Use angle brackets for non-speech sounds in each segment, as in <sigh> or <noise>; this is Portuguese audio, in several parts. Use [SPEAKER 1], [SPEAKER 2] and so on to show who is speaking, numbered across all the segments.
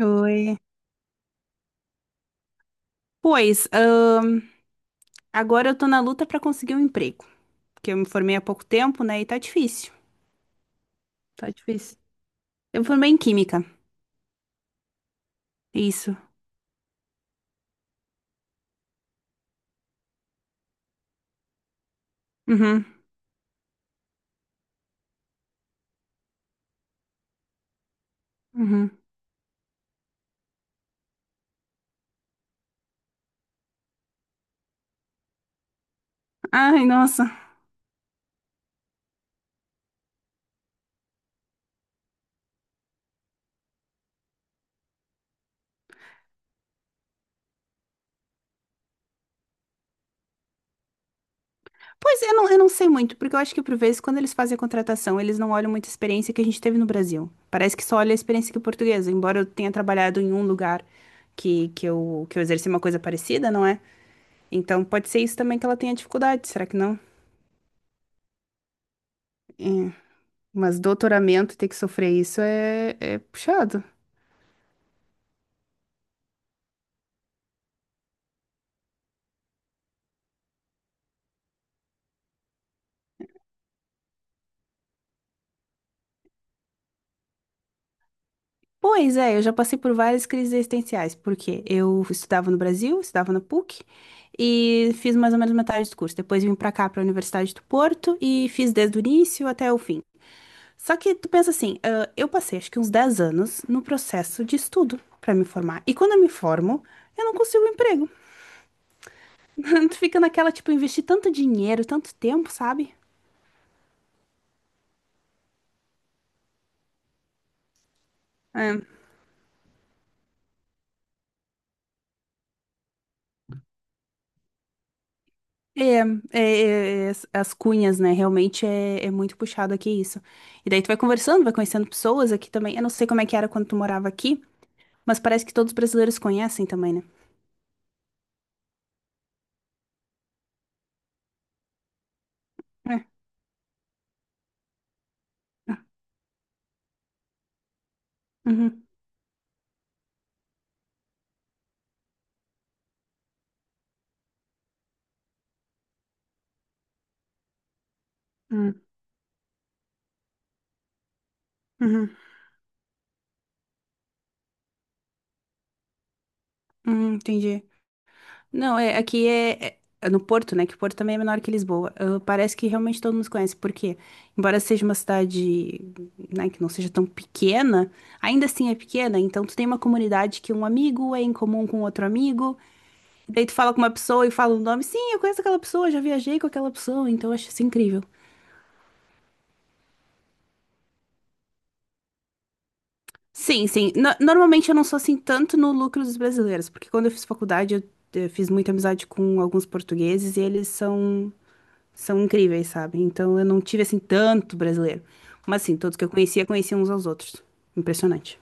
[SPEAKER 1] Oi. Pois, agora eu tô na luta pra conseguir um emprego, porque eu me formei há pouco tempo, né? E tá difícil. Tá difícil. Eu me formei em química. Isso. Uhum. Uhum. Ai, nossa. Pois eu não sei muito, porque eu acho que por vezes quando eles fazem a contratação, eles não olham muito a experiência que a gente teve no Brasil. Parece que só olha a experiência aqui portuguesa, embora eu tenha trabalhado em um lugar que eu exerci uma coisa parecida, não é? Então pode ser isso também que ela tenha dificuldade, será que não? É. Mas doutoramento ter que sofrer isso é puxado. Pois é, eu já passei por várias crises existenciais, porque eu estudava no Brasil, estudava na PUC, e fiz mais ou menos metade do curso. Depois vim pra cá, pra Universidade do Porto, e fiz desde o início até o fim. Só que tu pensa assim, ah, eu passei acho que uns 10 anos no processo de estudo pra me formar. E quando eu me formo, eu não consigo um emprego. <laughs> Tu fica naquela, tipo, investir tanto dinheiro, tanto tempo, sabe? É, é, é, as cunhas, né? Realmente é muito puxado aqui isso. E daí tu vai conversando, vai conhecendo pessoas aqui também. Eu não sei como é que era quando tu morava aqui, mas parece que todos os brasileiros conhecem também, né? É. Uhum, uhum, uhum, uhum, entendi. Não, é, aqui é no Porto, né? Que o Porto também é menor que Lisboa. Ah, parece que realmente todo mundo se conhece, porque, embora seja uma cidade, né, que não seja tão pequena, ainda assim é pequena, então tu tem uma comunidade que um amigo é em comum com outro amigo. Daí tu fala com uma pessoa e fala o nome. Sim, eu conheço aquela pessoa, já viajei com aquela pessoa, então eu acho isso incrível. Sim, sim. Normalmente eu não sou assim tanto no lucro dos brasileiros, porque quando eu fiz faculdade fiz muita amizade com alguns portugueses e eles são incríveis, sabe? Então eu não tive assim tanto brasileiro. Mas assim, todos que eu conhecia, conheciam uns aos outros. Impressionante.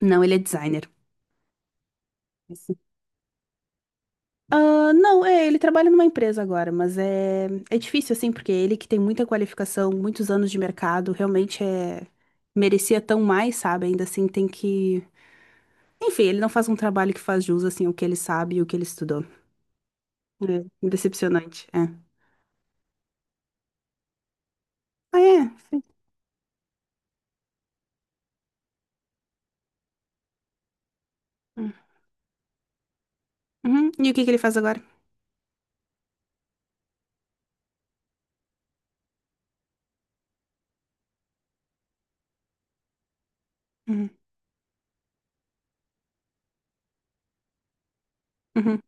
[SPEAKER 1] Não, ele é designer. Ah, não, é, ele trabalha numa empresa agora, mas é difícil, assim, porque ele que tem muita qualificação, muitos anos de mercado, realmente é, merecia tão mais, sabe? Ainda assim, tem que. Enfim, ele não faz um trabalho que faz jus, assim, o que ele sabe e o que ele estudou. É, decepcionante, é. Ah, é? Sim. Hum. Uhum. E o que que ele faz agora? Uhum. Uhum.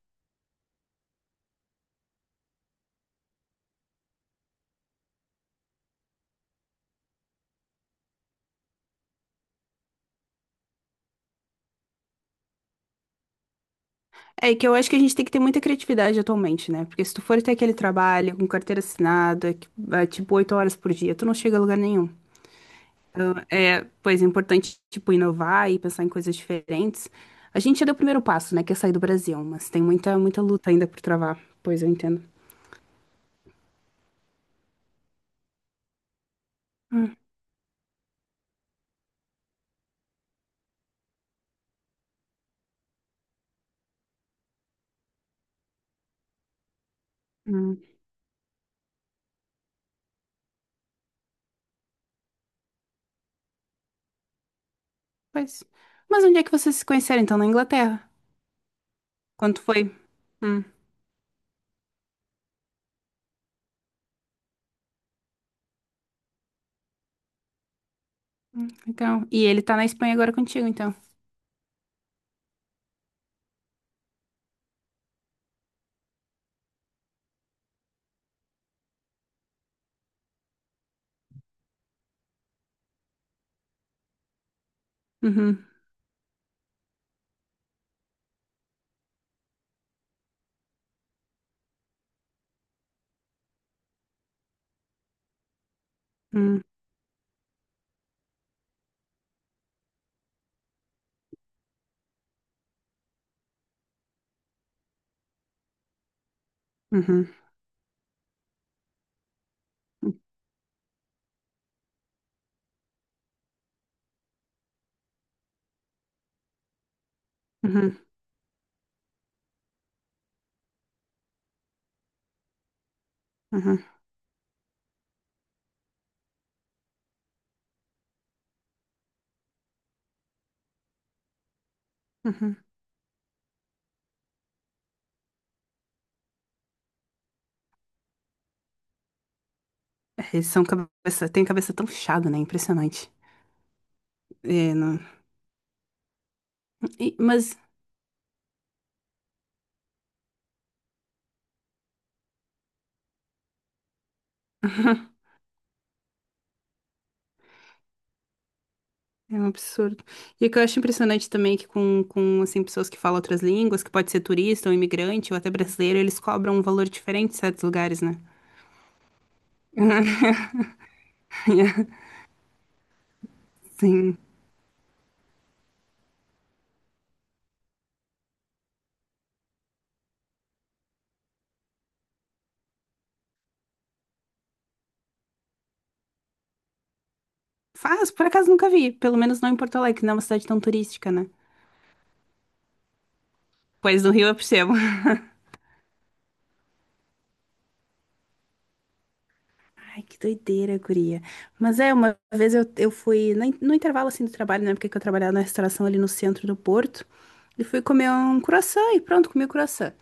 [SPEAKER 1] É que eu acho que a gente tem que ter muita criatividade atualmente, né? Porque se tu for ter aquele trabalho com carteira assinada, é, tipo, 8 horas por dia, tu não chega a lugar nenhum. Então, é, pois é importante, tipo, inovar e pensar em coisas diferentes. A gente já deu o primeiro passo, né, que é sair do Brasil, mas tem muita, muita luta ainda por travar. Pois eu entendo. Hum, hum, pois. Mas onde é que vocês se conheceram, então? Na Inglaterra? Quando foi? Hum, então. E ele tá na Espanha agora contigo, então. Uhum, uhum, uhum, uhum, uhum, uhum. É, eles são cabeça, tem cabeça tão fechada, né? Impressionante. É, mas é um absurdo. E o que eu acho impressionante também é que com assim, pessoas que falam outras línguas, que pode ser turista ou imigrante ou até brasileiro, eles cobram um valor diferente em certos lugares, né? <laughs> Sim. Assim, faz, por acaso nunca vi, pelo menos não em Porto Alegre, que não é uma cidade tão turística, né? Pois no Rio eu percebo. Ai, que doideira, guria. Mas é, uma vez eu fui na no intervalo assim do trabalho, na época que eu trabalhava na restauração ali no centro do Porto, e fui comer um croissant e pronto, comi o croissant.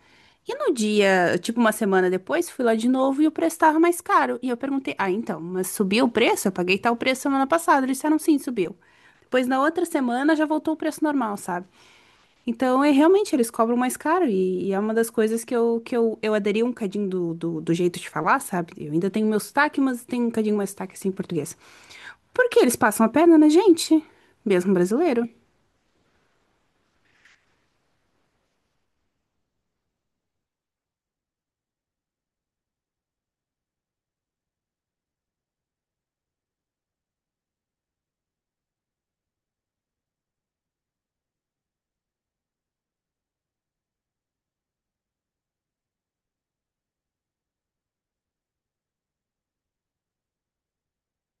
[SPEAKER 1] E no dia, tipo uma semana depois, fui lá de novo e o preço estava mais caro. E eu perguntei, ah, então, mas subiu o preço? Eu paguei tal preço semana passada. Eles disseram, sim, subiu. Depois, na outra semana, já voltou o preço normal, sabe? Então, é realmente, eles cobram mais caro e é uma das coisas que eu aderi um cadinho do jeito de falar, sabe? Eu ainda tenho meu sotaque, mas tenho um cadinho mais sotaque assim em português. Porque eles passam a perna na gente, mesmo brasileiro.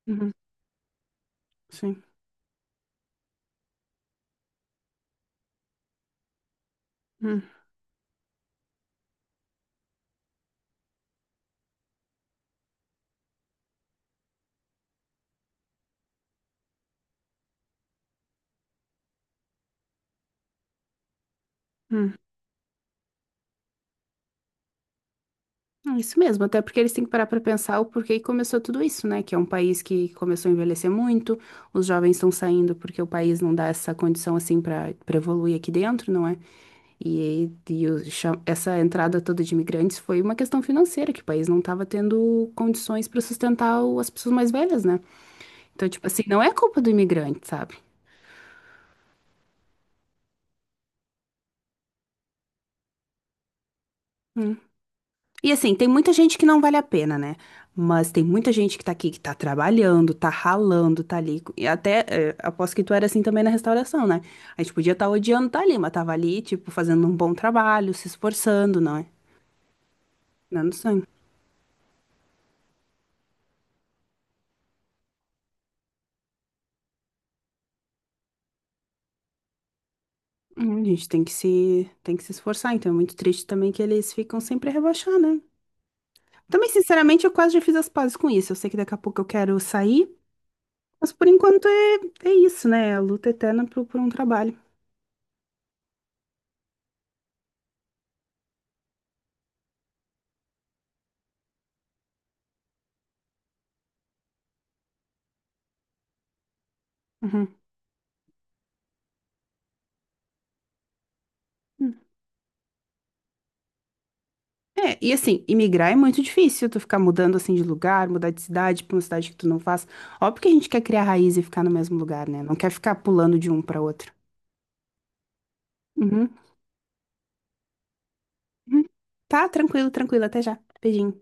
[SPEAKER 1] Uhum, sim. Hum, hum. É. Isso mesmo, até porque eles têm que parar pra pensar o porquê que começou tudo isso, né? Que é um país que começou a envelhecer muito, os jovens estão saindo porque o país não dá essa condição assim pra para evoluir aqui dentro, não é? E, aí, essa entrada toda de imigrantes foi uma questão financeira, que o país não estava tendo condições para sustentar as pessoas mais velhas, né? Então, tipo assim, não é culpa do imigrante, sabe? Hum. E assim, tem muita gente que não vale a pena, né? Mas tem muita gente que tá aqui, que tá trabalhando, tá ralando, tá ali. E até, aposto que tu era assim também na restauração, né? A gente podia estar odiando tá ali, mas tava ali, tipo, fazendo um bom trabalho, se esforçando, não é? Não, não. Hum. A gente tem que se esforçar, então é muito triste também que eles ficam sempre a rebaixar, né? Também, sinceramente, eu quase já fiz as pazes com isso. Eu sei que daqui a pouco eu quero sair, mas por enquanto é isso, né? É. A luta eterna por um trabalho. Uhum. Hum. É, e assim, imigrar é muito difícil, tu ficar mudando assim de lugar, mudar de cidade pra uma cidade que tu não faz. Óbvio que a gente quer criar raiz e ficar no mesmo lugar, né? Não quer ficar pulando de um pra outro. Uhum. Uhum. Tá, tranquilo, tranquilo, até já. Beijinho.